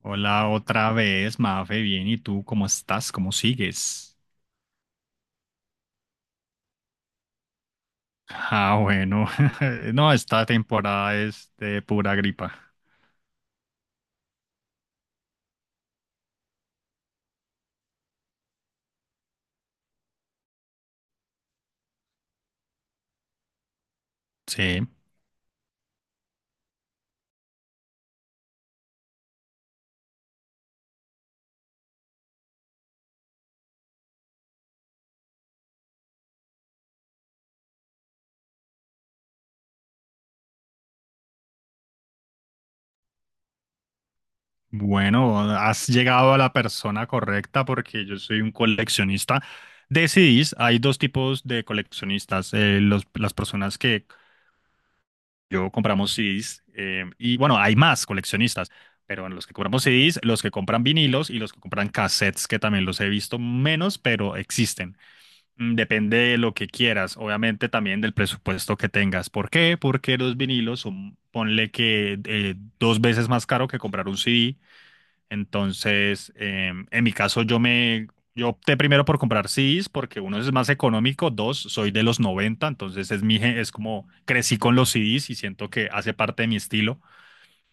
Hola otra vez, Mafe, bien, ¿y tú cómo estás? ¿Cómo sigues? Ah, bueno, no, esta temporada es de pura gripa. Sí, bueno, has llegado a la persona correcta porque yo soy un coleccionista de CDs. Hay dos tipos de coleccionistas, las personas que yo compramos CDs y bueno, hay más coleccionistas. Pero en los que compramos CDs, los que compran vinilos y los que compran cassettes, que también los he visto menos, pero existen. Depende de lo que quieras, obviamente también del presupuesto que tengas. ¿Por qué? Porque los vinilos son, ponle que dos veces más caro que comprar un CD. Entonces, en mi caso, yo opté primero por comprar CDs porque uno es más económico, dos, soy de los 90, entonces es como crecí con los CDs y siento que hace parte de mi estilo.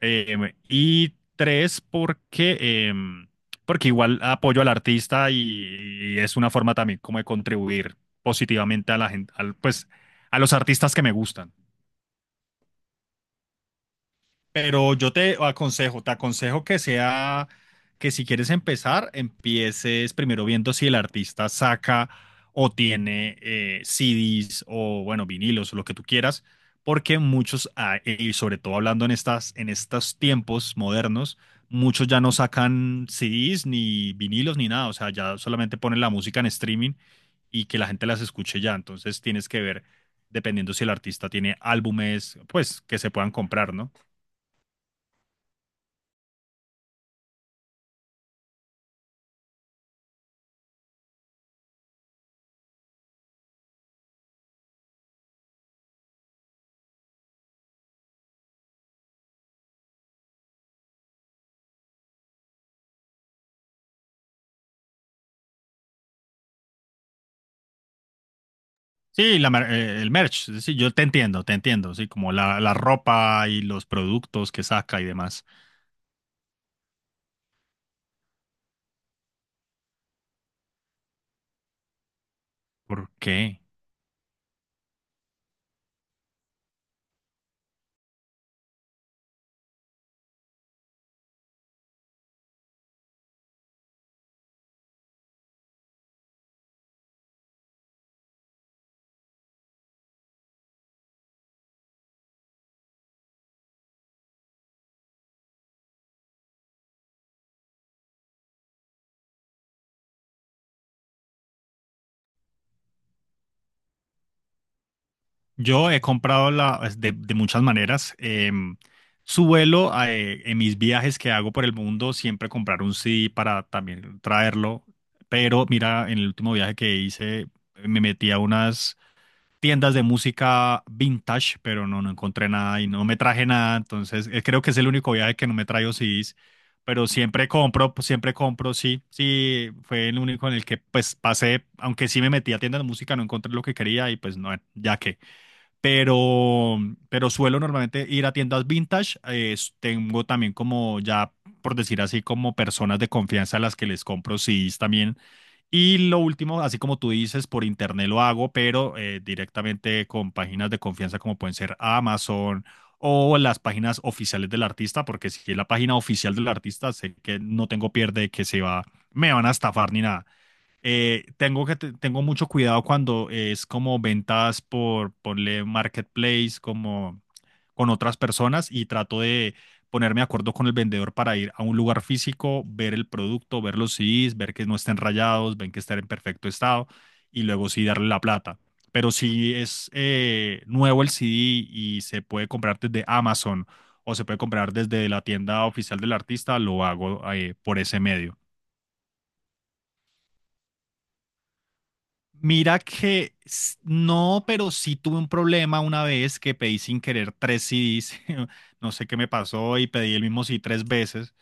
Y tres, porque igual apoyo al artista y es una forma también como de contribuir positivamente a la gente, al, pues a los artistas que me gustan. Pero yo te aconsejo, que sea, que si quieres empezar, empieces primero viendo si el artista saca o tiene CDs o, bueno, vinilos o lo que tú quieras, porque muchos, y sobre todo hablando en estos tiempos modernos, muchos ya no sacan CDs ni vinilos ni nada, o sea, ya solamente ponen la música en streaming y que la gente las escuche ya, entonces tienes que ver, dependiendo si el artista tiene álbumes, pues que se puedan comprar, ¿no? Sí, el merch, es decir, yo te entiendo, sí, como la ropa y los productos que saca y demás. ¿Por qué? Yo he comprado es de muchas maneras. em, suelo en mis viajes que hago por el mundo siempre comprar un CD para también traerlo, pero mira, en el último viaje que hice me metí a unas tiendas de música vintage, pero no, no encontré nada y no me traje nada. Entonces, creo que es el único viaje que no me traigo CDs, pero siempre compro, pues, siempre compro, sí. Sí, fue el único en el que pues pasé, aunque sí me metí a tiendas de música, no encontré lo que quería y pues no, ya que. Pero, pero suelo normalmente ir a tiendas vintage. Tengo también como ya, por decir así, como personas de confianza a las que les compro CDs también y lo último, así como tú dices, por internet lo hago, pero directamente con páginas de confianza como pueden ser Amazon o las páginas oficiales del artista, porque si es la página oficial del artista, sé que no tengo pierde que se va, me van a estafar ni nada. Tengo mucho cuidado cuando es como ventas por, ponle marketplace, como con otras personas y trato de ponerme de acuerdo con el vendedor para ir a un lugar físico, ver el producto, ver los CDs, ver que no estén rayados, ver que estén en perfecto estado y luego sí darle la plata. Pero si es nuevo el CD y se puede comprar desde Amazon o se puede comprar desde la tienda oficial del artista, lo hago por ese medio. Mira, no, pero sí tuve un problema una vez que pedí sin querer tres CDs. No sé qué me pasó y pedí el mismo CD tres veces.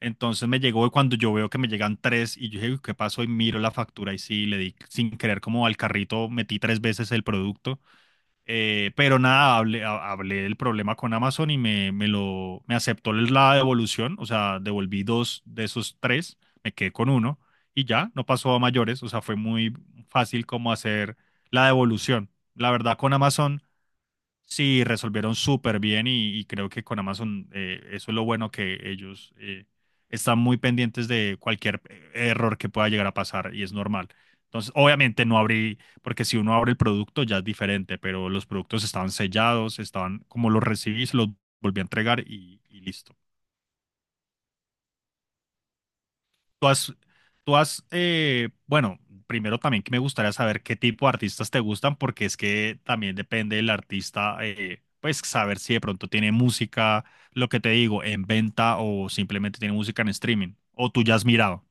Entonces me llegó y cuando yo veo que me llegan tres y yo dije, "Uy, ¿qué pasó?" Y miro la factura y sí, le di sin querer como al carrito, metí tres veces el producto pero nada, hablé del problema con Amazon y me aceptó la devolución, o sea, devolví dos de esos tres, me quedé con uno y ya, no pasó a mayores, o sea, fue muy fácil como hacer la devolución. La verdad, con Amazon. Sí, resolvieron súper bien y creo que con Amazon eso es lo bueno que ellos están muy pendientes de cualquier error que pueda llegar a pasar y es normal. Entonces, obviamente no abrí, porque si uno abre el producto ya es diferente, pero los productos estaban sellados, estaban como los recibí, se los volví a entregar y listo. Tú has, bueno, primero también que me gustaría saber qué tipo de artistas te gustan, porque es que también depende del artista, pues saber si de pronto tiene música, lo que te digo, en venta o simplemente tiene música en streaming, o tú ya has mirado.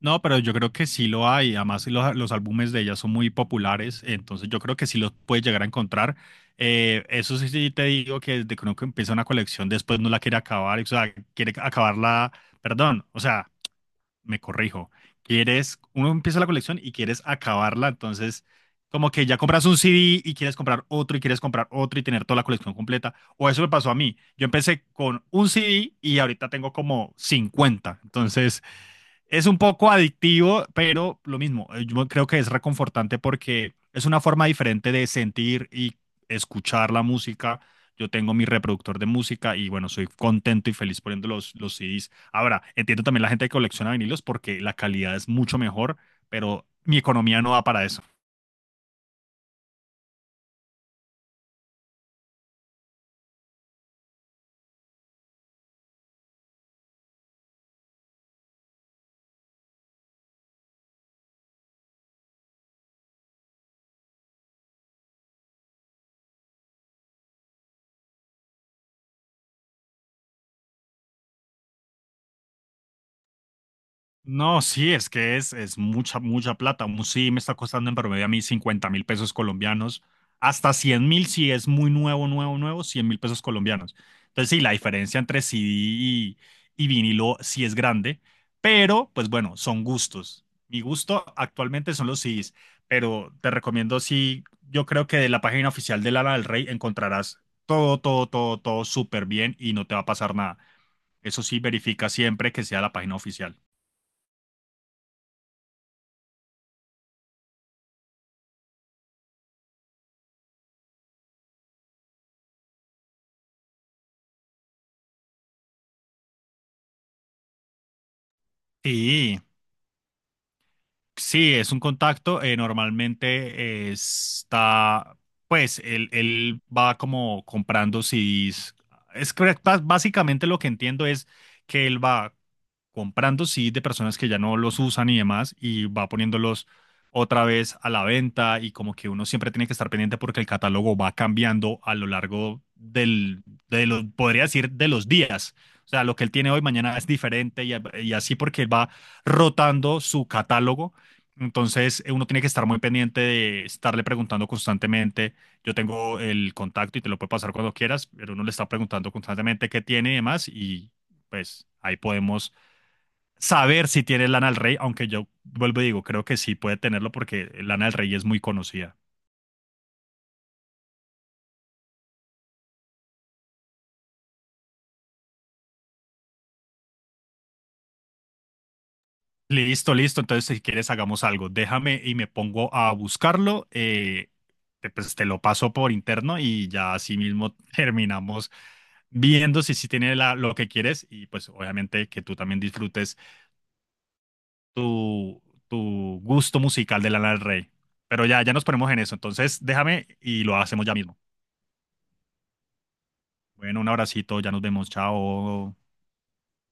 No, pero yo creo que sí lo hay, además los álbumes de ella son muy populares, entonces yo creo que sí los puedes llegar a encontrar. Eso sí, sí te digo que desde que uno que empieza una colección después no la quiere acabar, o sea, quiere acabarla, perdón, o sea me corrijo, quieres, uno empieza la colección y quieres acabarla, entonces como que ya compras un CD y quieres comprar otro y quieres comprar otro y tener toda la colección completa. O eso me pasó a mí. Yo empecé con un CD y ahorita tengo como 50. Entonces es un poco adictivo, pero lo mismo, yo creo que es reconfortante porque es una forma diferente de sentir y escuchar la música. Yo tengo mi reproductor de música y bueno, soy contento y feliz poniendo los CDs. Ahora, entiendo también la gente que colecciona vinilos porque la calidad es mucho mejor, pero mi economía no da para eso. No, sí, es que es mucha, mucha plata. Un Sí, me está costando en promedio a mí 50.000 pesos colombianos. Hasta 100.000 si es muy nuevo, nuevo, nuevo, 100.000 pesos colombianos. Entonces, sí, la diferencia entre CD y vinilo sí es grande, pero pues bueno, son gustos. Mi gusto actualmente son los CDs, pero te recomiendo, sí, yo creo que de la página oficial de Lana del Rey encontrarás todo, todo, todo, todo súper bien y no te va a pasar nada. Eso sí, verifica siempre que sea la página oficial. Sí. Sí, es un contacto. Normalmente está, pues, él va como comprando CDs. Es que básicamente lo que entiendo es que él va comprando, sí, de personas que ya no los usan y demás, y va poniéndolos otra vez a la venta y como que uno siempre tiene que estar pendiente porque el catálogo va cambiando a lo largo del, de los, podría decir, de los días. O sea, lo que él tiene hoy, mañana es diferente y así porque él va rotando su catálogo. Entonces, uno tiene que estar muy pendiente de estarle preguntando constantemente. Yo tengo el contacto y te lo puedo pasar cuando quieras, pero uno le está preguntando constantemente qué tiene y demás y pues ahí podemos saber si tiene Lana del Rey, aunque yo vuelvo y digo, creo que sí puede tenerlo porque Lana del Rey es muy conocida. Listo, listo. Entonces, si quieres, hagamos algo. Déjame y me pongo a buscarlo. Pues te lo paso por interno y ya así mismo terminamos viendo si sí tiene lo que quieres. Y pues, obviamente, que tú también disfrutes tu, tu gusto musical de Lana del Rey. Pero ya, ya nos ponemos en eso. Entonces, déjame y lo hacemos ya mismo. Bueno, un abracito. Ya nos vemos. Chao.